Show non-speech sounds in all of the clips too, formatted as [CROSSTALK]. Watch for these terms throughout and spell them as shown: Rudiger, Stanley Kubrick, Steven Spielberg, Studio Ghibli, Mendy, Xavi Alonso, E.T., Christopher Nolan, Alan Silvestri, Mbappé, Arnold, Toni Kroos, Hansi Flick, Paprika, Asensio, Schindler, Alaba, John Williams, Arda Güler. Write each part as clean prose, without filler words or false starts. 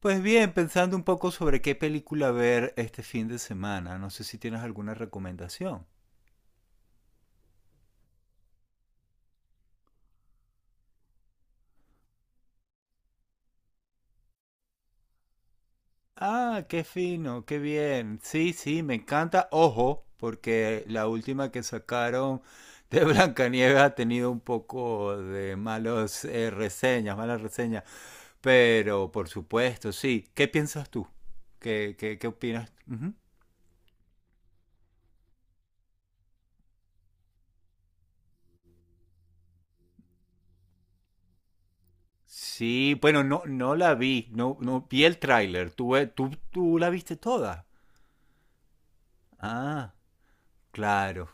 Pues bien, pensando un poco sobre qué película ver este fin de semana, no sé si tienes alguna recomendación. Ah, qué fino, qué bien. Sí, sí, me encanta. Ojo, porque la última que sacaron [LAUGHS] de Blancanieves ha tenido un poco de malos reseñas, malas reseñas. Pero, por supuesto, sí. ¿Qué piensas tú? ¿Qué opinas? Ujú. Sí, bueno, no, no la vi, no, no vi el tráiler. ¿Tú, tú la viste toda? Ah. Claro.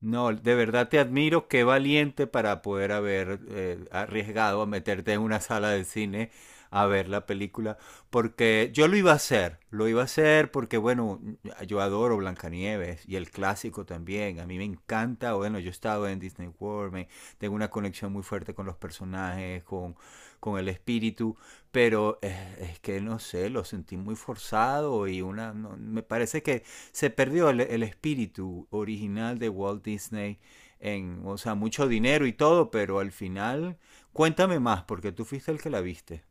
No, de verdad te admiro, qué valiente para poder haber arriesgado a meterte en una sala de cine a ver la película, porque yo lo iba a hacer, lo iba a hacer porque, bueno, yo adoro Blancanieves y el clásico también, a mí me encanta, bueno, yo he estado en Disney World, me- tengo una conexión muy fuerte con los personajes, con el espíritu, pero es, que no sé, lo sentí muy forzado y una, no- me parece que se perdió el espíritu original de Walt Disney en, o sea, mucho dinero y todo, pero al final, cuéntame más, porque tú fuiste el que la viste.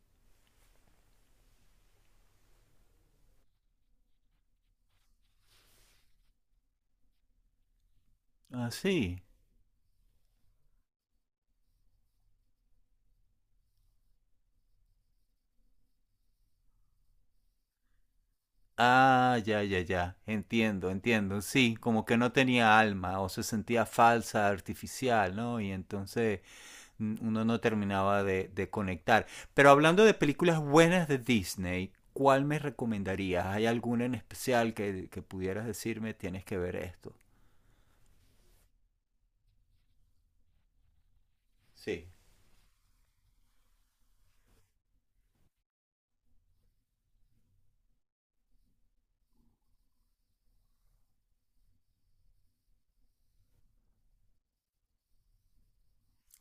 Ah, sí. Ah, ya, ya, ya. Entiendo, entiendo. Sí, como que no tenía alma o se sentía falsa, artificial, ¿no? Y entonces n- uno no terminaba de conectar. Pero hablando de películas buenas de Disney, ¿cuál me recomendarías? ¿Hay alguna en especial que pudieras decirme tienes que ver esto? Sí.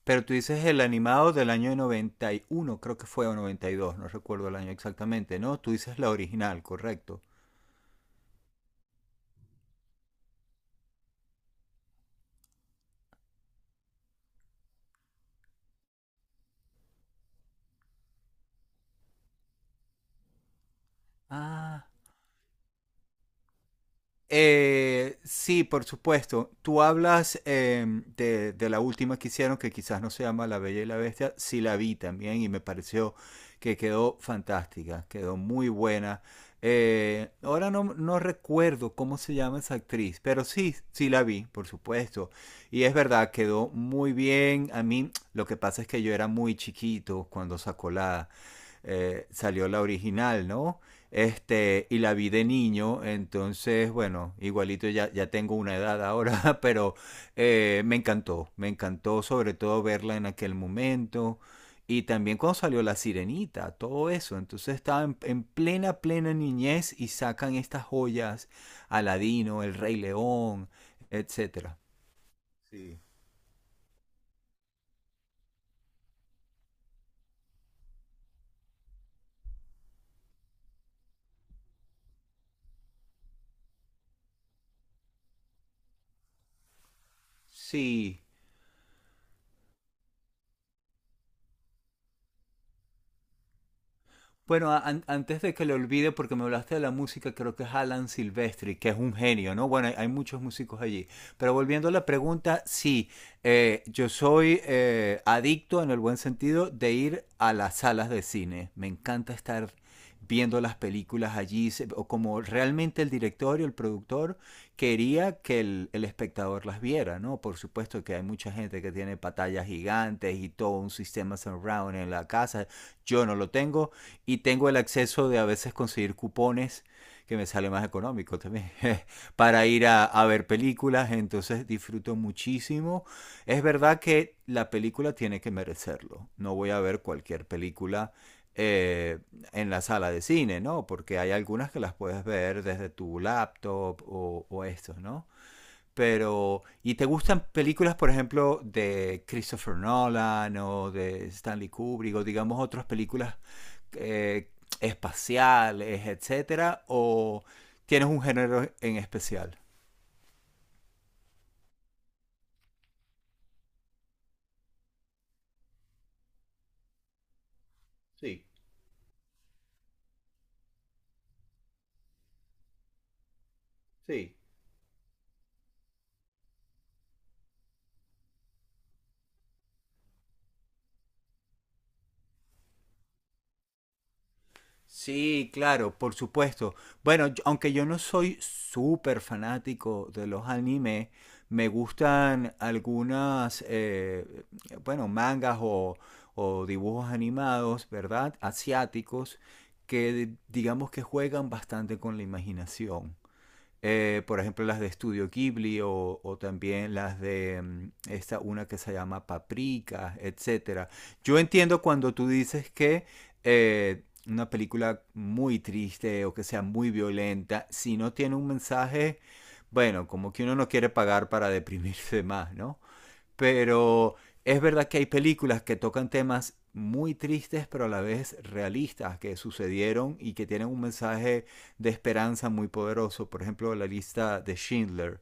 Pero tú dices el animado del año 91, creo que fue, o 92, no recuerdo el año exactamente, ¿no? Tú dices la original, correcto. Ah. Sí, por supuesto. Tú hablas de la última que hicieron, que quizás no se llama La Bella y la Bestia. Sí la vi también y me pareció que quedó fantástica, quedó muy buena. Ahora no, no recuerdo cómo se llama esa actriz, pero sí, sí la vi, por supuesto. Y es verdad, quedó muy bien. A mí [TSK] lo que pasa es que yo era muy chiquito cuando sacó la, salió la original, ¿no? Este, y la vi de niño, entonces, bueno, igualito ya, ya tengo una edad ahora, [LAUGHS] pero me encantó sobre todo verla en aquel momento. Y también cuando salió La Sirenita, todo eso. Entonces estaba en plena, plena niñez y sacan estas joyas, Aladino, El Rey León, etcétera. Sí. Sí. Bueno, an- antes de que lo olvide, porque me hablaste de la música, creo que es Alan Silvestri, que es un genio, ¿no? Bueno, hay muchos músicos allí. Pero volviendo a la pregunta, sí, yo soy adicto en el buen sentido de ir a las salas de cine. Me encanta estar viendo las películas allí, se- o como realmente el director y el productor quería que el espectador las viera, ¿no? Por supuesto que hay mucha gente que tiene pantallas gigantes y todo un sistema surround en la casa. Yo no lo tengo, y tengo el acceso de a veces conseguir cupones que me sale más económico también [LAUGHS] para ir a, ver películas, entonces disfruto muchísimo. Es verdad que la película tiene que merecerlo, no voy a ver cualquier película eh, en la sala de cine, ¿no? Porque hay algunas que las puedes ver desde tu laptop o esto, ¿no? Pero, ¿y te gustan películas, por ejemplo, de Christopher Nolan o de Stanley Kubrick o digamos otras películas eh, espaciales, etcétera? ¿O tienes un género en especial? Sí, sí. Sí, claro, por supuesto. Bueno, yo- aunque yo no soy súper fanático de los anime, me gustan algunas, bueno, mangas o dibujos animados, ¿verdad? Asiáticos, que digamos que juegan bastante con la imaginación por ejemplo, las de Studio Ghibli o también las de esta una que se llama Paprika, etcétera. Yo entiendo cuando tú dices que una película muy triste o que sea muy violenta, si no tiene un mensaje, bueno, como que uno no quiere pagar para deprimirse [LAUGHS] más, ¿no? Pero es verdad que hay películas que tocan temas muy tristes, pero a la vez realistas, que sucedieron y que tienen un mensaje de esperanza muy poderoso. Por ejemplo, la lista de Schindler.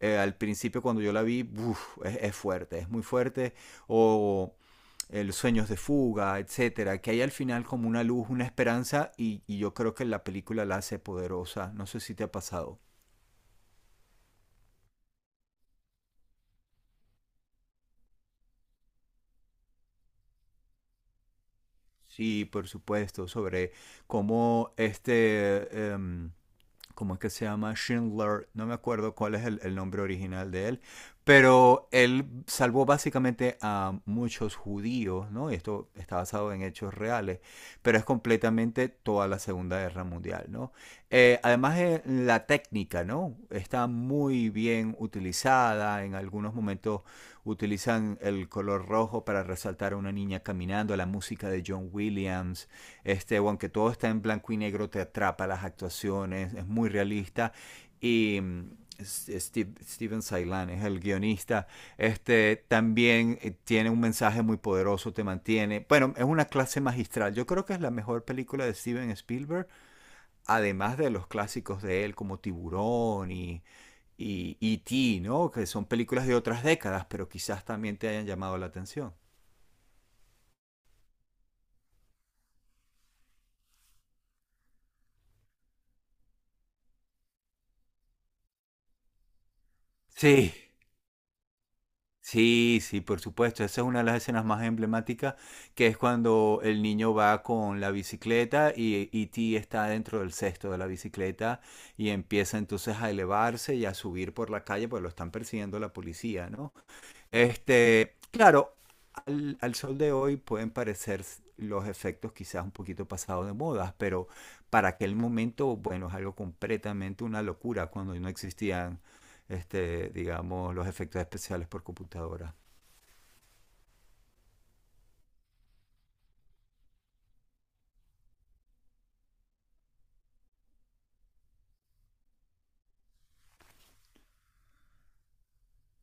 Al principio cuando yo la vi, uf, es, fuerte, es muy fuerte. O el Sueños de Fuga, etcétera, que hay al final como una luz, una esperanza, y yo creo que la película la hace poderosa. No sé si te ha pasado. Sí, por supuesto, sobre cómo este, ¿cómo es que se llama? Schindler, no me acuerdo cuál es el nombre original de él, pero él salvó básicamente a muchos judíos, ¿no? Y esto está basado en hechos reales, pero es completamente toda la Segunda Guerra Mundial, ¿no? Además, la técnica, ¿no? Está muy bien utilizada, en algunos momentos utilizan el color rojo para resaltar a una niña caminando, la música de John Williams, este, aunque todo está en blanco y negro, te atrapa las actuaciones, es muy realista y Steven Sailan es el guionista. Este también tiene un mensaje muy poderoso, te mantiene. Bueno, es una clase magistral. Yo creo que es la mejor película de Steven Spielberg además de los clásicos de él como Tiburón y E.T., ¿no? Que son películas de otras décadas, pero quizás también te hayan llamado la atención. Sí, sí, sí, por supuesto. Esa es una de las escenas más emblemáticas, que es cuando el niño va con la bicicleta y E.T. está dentro del cesto de la bicicleta y empieza entonces a elevarse y a subir por la calle, pues lo están persiguiendo la policía, ¿no? Este, claro, al, al sol de hoy pueden parecer s- los efectos quizás un poquito pasados de moda, pero para aquel momento, bueno, es algo completamente una locura cuando no existían, este, digamos, los efectos especiales por computadora.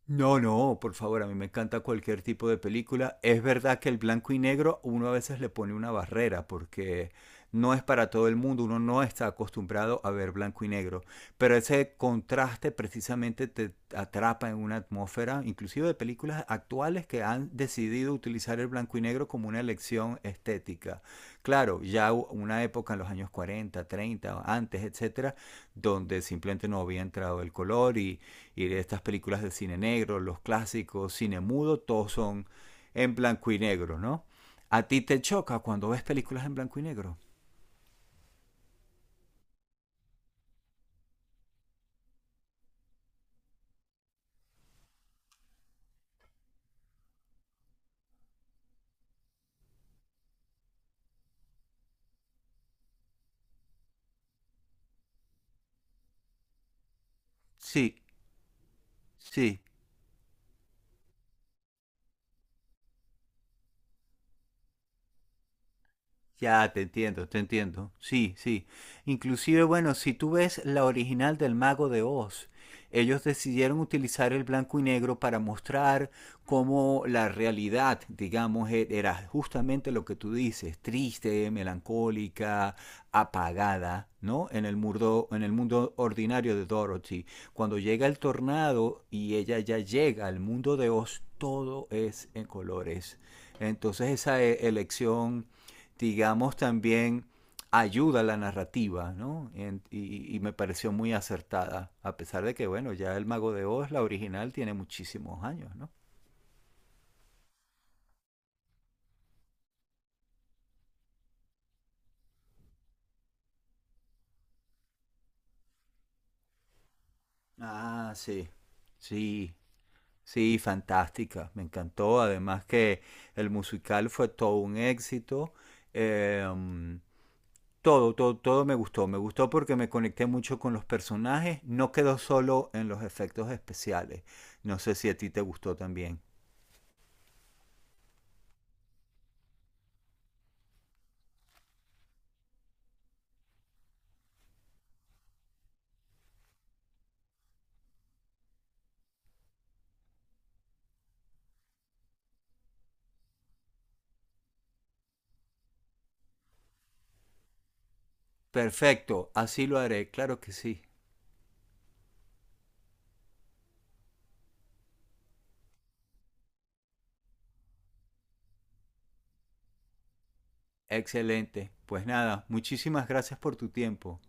No, no, por favor, a mí me encanta cualquier tipo de película. Es verdad que el blanco y negro uno a veces le pone una barrera porque no es para todo el mundo, uno no está acostumbrado a ver blanco y negro, pero ese contraste precisamente te atrapa en una atmósfera, inclusive de películas actuales que han decidido utilizar el blanco y negro como una elección estética. Claro, ya hu- una época en los años 40, 30, antes, etcétera, donde simplemente no había entrado el color y de estas películas de cine negro, los clásicos, cine mudo, todos son en blanco y negro, ¿no? ¿A ti te choca cuando ves películas en blanco y negro? Sí, sí. Ya, te entiendo, te entiendo. Sí, sí. Inclusive, bueno, si tú ves la original del Mago de Oz, ellos decidieron utilizar el blanco y negro para mostrar cómo la realidad, digamos, e- era justamente lo que tú dices, triste, melancólica, apagada, ¿no? En el mundo ordinario de Dorothy. Cuando llega el tornado y ella ya llega al mundo de Oz, todo es en colores. Entonces esa e- elección digamos, también ayuda a la narrativa, ¿no? En- y me pareció muy acertada, a pesar de que, bueno, ya El Mago de Oz, la original, tiene muchísimos años, ¿no? Ah, sí, sí, sí, fantástica, me encantó, además que el musical fue todo un éxito, em, todo, todo, todo me gustó porque me conecté mucho con los personajes, no quedó solo en los efectos especiales, no sé si a ti te gustó también. Perfecto, así lo haré, claro que sí. Excelente. Pues nada, muchísimas gracias por tu tiempo.